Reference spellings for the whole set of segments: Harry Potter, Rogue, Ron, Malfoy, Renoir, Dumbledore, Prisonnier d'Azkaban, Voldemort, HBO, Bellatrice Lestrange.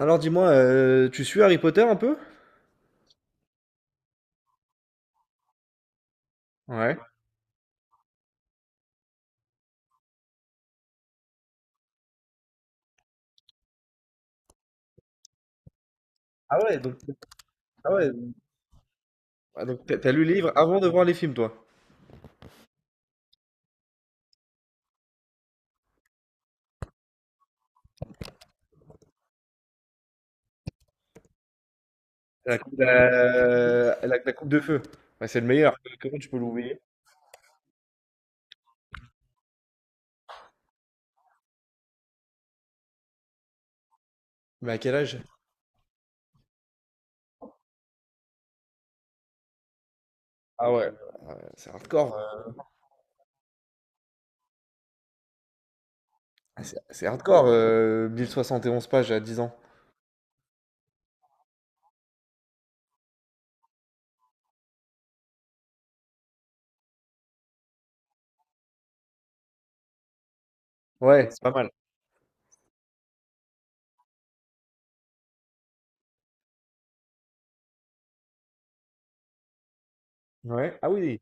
Alors dis-moi, tu suis Harry Potter un peu? Ouais. Ah ouais, donc ah ouais, ah donc t'as lu le livre avant de voir les films, toi? La coupe, la coupe de feu. Ouais, c'est le meilleur. Mais à quel âge? Ah ouais, c'est hardcore. Ah, C'est hardcore, 1071 pages à 10 ans. Ouais, c'est pas. Ouais. Ah oui.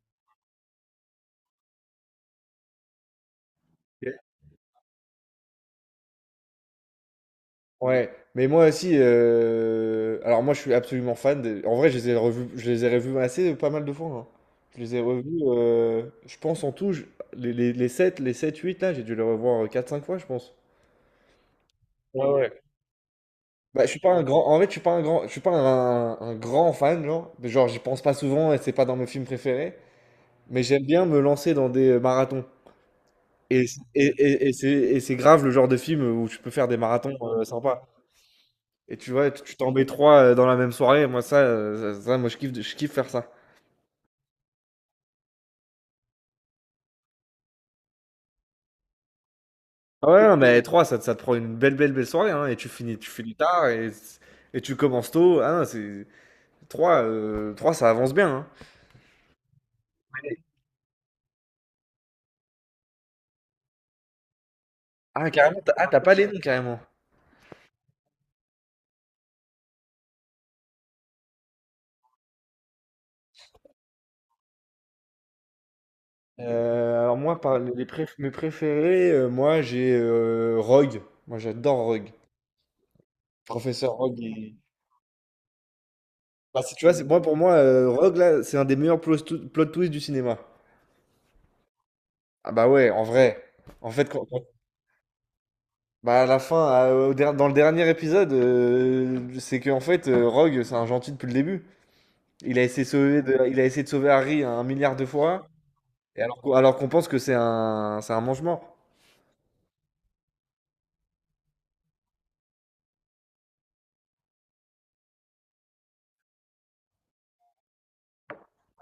Ouais, mais moi aussi, alors moi je suis absolument fan. Des- En vrai, je les ai revus assez pas mal de fois, hein. Je les ai revus, je pense en tout, je- les 7, les 7, 8 là, j'ai dû les revoir quatre cinq fois, je pense. Ouais, ouais. Bah, je suis pas un grand, en fait, je suis pas un grand, je suis pas un grand fan, genre, mais genre, j'y pense pas souvent et c'est pas dans mes films préférés, mais j'aime bien me lancer dans des marathons. Et, et c'est grave le genre de film où tu peux faire des marathons sympas. Et tu vois, tu t'en mets 3 dans la même soirée, moi ça, ça moi je kiffe faire ça. Ah ouais, non, mais 3 ça te prend une belle, belle, belle soirée, hein, et tu finis tard et tu commences tôt. Ah non, c'est trois 3 ça avance bien, hein. Ah carrément, tu ah t'as pas les noms carrément? Alors moi par les préf mes préférés, moi j'ai, Rogue. Moi j'adore Rogue. Professeur Rogue. Et bah, c'est, tu vois, c'est, moi pour moi, Rogue là, c'est un des meilleurs plot twists du cinéma. Ah bah ouais, en vrai. En fait, quand bah à la fin, dans le dernier épisode, c'est qu'en fait, Rogue, c'est un gentil depuis le début. Il a essayé de sauver Harry un milliard de fois, et alors qu'on pense que c'est un mange-mort.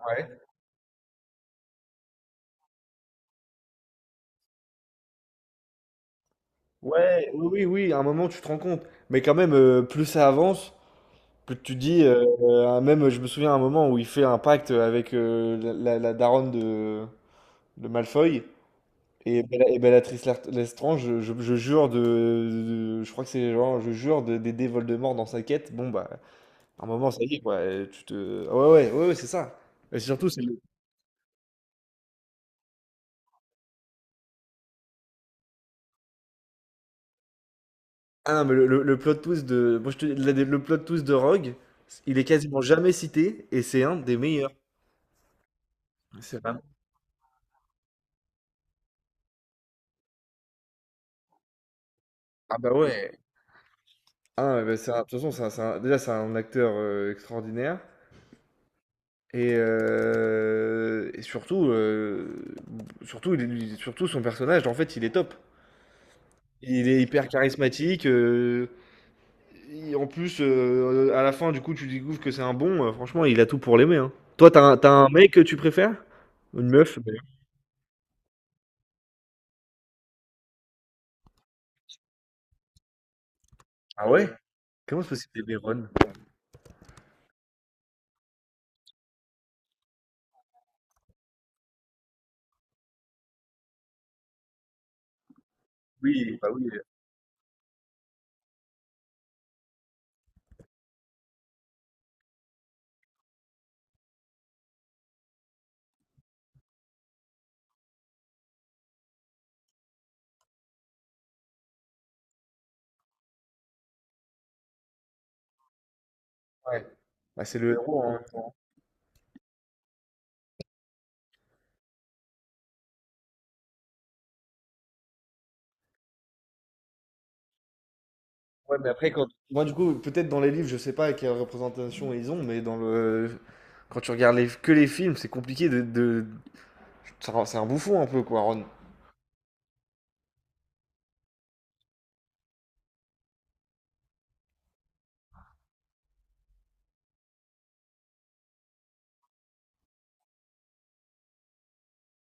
Ouais. Ouais, oui, oui, oui, à un moment, tu te rends compte. Mais quand même, plus ça avance, plus tu te dis, même, je me souviens à un moment où il fait un pacte avec la daronne de Malfoy, et, Bellatrice Lestrange, je jure de je crois que c'est genre, je jure d'aider Voldemort dans sa quête. Bon, bah, à un moment, ça y est, quoi. Tu te. Ah, ouais, ouais, ouais, ouais, c'est ça. Et surtout, c'est le. Ah non, mais le, plot twist de. Le plot twist de Rogue, il est quasiment jamais cité, et c'est un des meilleurs. C'est vraiment. Ah bah ouais. Ah, ouais, bah, de toute façon, déjà, c'est un acteur extraordinaire. Et surtout, surtout, surtout son personnage, en fait, il est top. Il est hyper charismatique. En plus, à la fin, du coup, tu découvres que c'est un bon. Franchement, il a tout pour l'aimer, hein. Toi, t'as un mec que tu préfères? Une meuf, d'ailleurs? Ah ouais? Comment c'est possible, t'aimer Ron? Oui, bah oui. Ouais. Bah, c'est le héros, hein. Ouais, mais après, quand. Moi, du coup, peut-être dans les livres, je sais pas quelle représentation ils ont, mais dans le. Quand tu regardes que les films, c'est compliqué de. de. C'est un bouffon, un peu, quoi, Ron.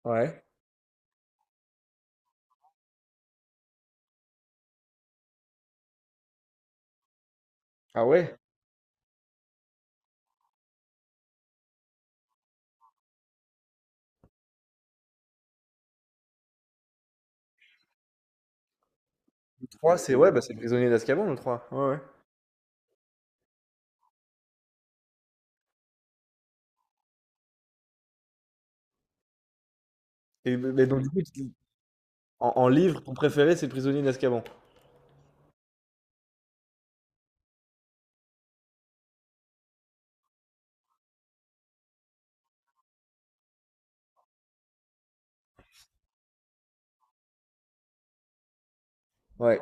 Ouais. Ah ouais? Trois c'est. Ouais, bah c'est le Prisonnier d'Azkaban, le trois. Ouais, ouais. Et, mais donc, du coup, en livre, ton préféré, c'est Prisonnier d'Azkaban. Ouais.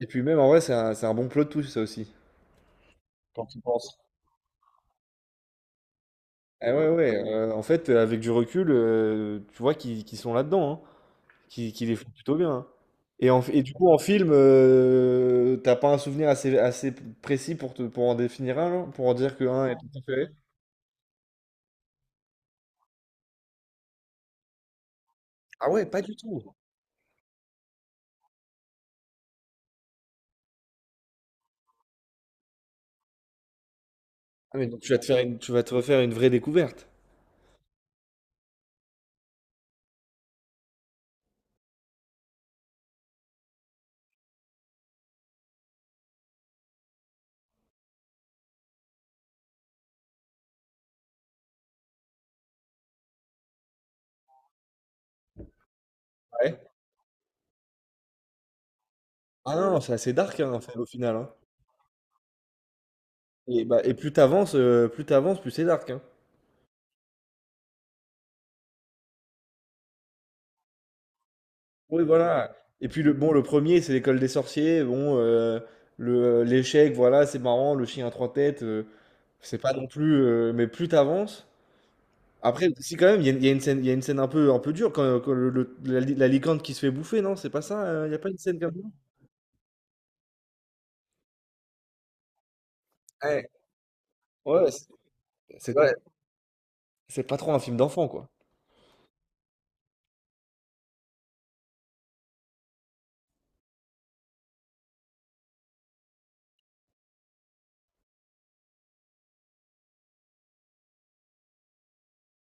Et puis même en vrai, c'est un bon plot twist, ça aussi. Quand tu penses. Eh ouais, ouais. En fait, avec du recul, tu vois qu'ils sont là-dedans, hein, qu'ils les font plutôt bien, hein. Et, et du coup, en film, t'as pas un souvenir assez précis pour, pour en définir un, genre, pour en dire que un est ton préféré? Ah ouais, pas du tout. Ah, mais donc tu vas te refaire une vraie découverte. Ouais. Ah non, c'est assez dark, hein, un film, au final, hein. Et, bah, plus t'avances, plus c'est dark, hein. Oui, voilà. Et puis le bon, le premier, c'est l'École des Sorciers. Bon, le l'échec, voilà, c'est marrant. Le chien à trois têtes, c'est pas non plus. Mais plus t'avances. Après, si quand même, il y a une scène, un peu dure, quand, quand la licorne qui se fait bouffer, non? C'est pas ça? Il y a pas une scène comme ça? Ouais, ouais, ouais, c'est pas trop un film d'enfant, quoi.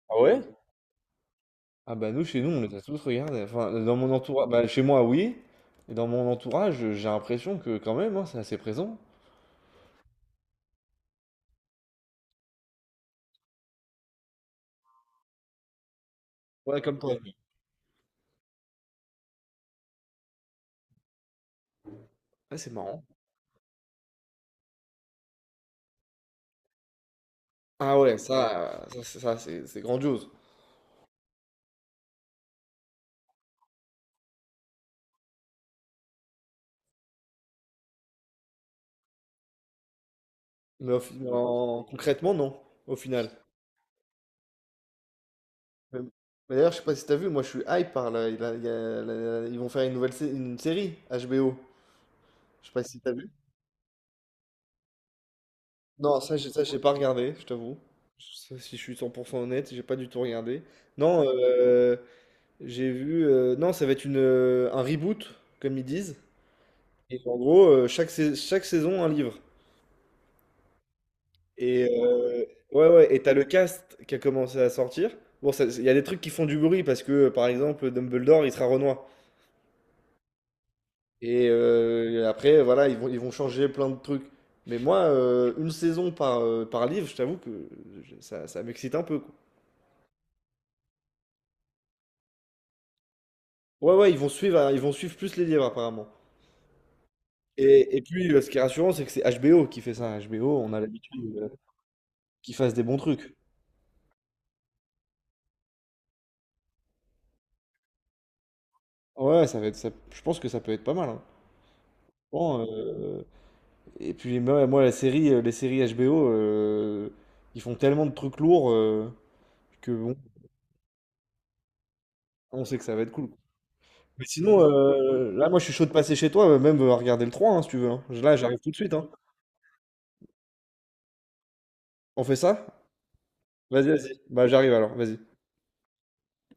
Ah ouais? Ah bah nous, chez nous, on les a tous regardés. Enfin, dans mon entourage, bah, chez moi, oui. Et dans mon entourage, j'ai l'impression que quand même, hein, c'est assez présent. Ouais, comme toi. Ouais, c'est marrant. Ah ouais, ça, c'est ça, c'est grandiose. Mais concrètement, non, au final. Même- D'ailleurs, je sais pas si t'as vu, moi je suis hype par là. Il a- il y a la- Ils vont faire une nouvelle une série, HBO. Je sais pas si t'as vu. Non, ça, j'ai pas regardé, je t'avoue. Ça, si je suis 100% honnête, j'ai pas du tout regardé. Non, j'ai vu. Non, ça va être un reboot, comme ils disent. Et en gros, chaque, chaque saison, un livre. Et ouais, ouais, et t'as le cast qui a commencé à sortir. Bon, il y a des trucs qui font du bruit parce que, par exemple, Dumbledore, il sera Renoir. Et après, voilà, ils vont changer plein de trucs. Mais moi, une saison par, par livre, je t'avoue que ça, ça m'excite un peu, quoi. Ouais, ouais, ils vont suivre plus les livres, apparemment. Et puis, ce qui est rassurant, c'est que c'est HBO qui fait ça. HBO, on a l'habitude qu'ils fassent des bons trucs. Ouais, ça va être, je pense que ça peut être pas mal, hein. Bon, et puis moi, la série, les séries HBO, ils font tellement de trucs lourds que bon, on sait que ça va être cool. Mais sinon, là, moi, je suis chaud de passer chez toi, même regarder le trois, hein, si tu veux, hein. Là, j'arrive tout de suite, hein. On fait ça? Vas-y, vas-y. Bah, j'arrive alors, vas-y.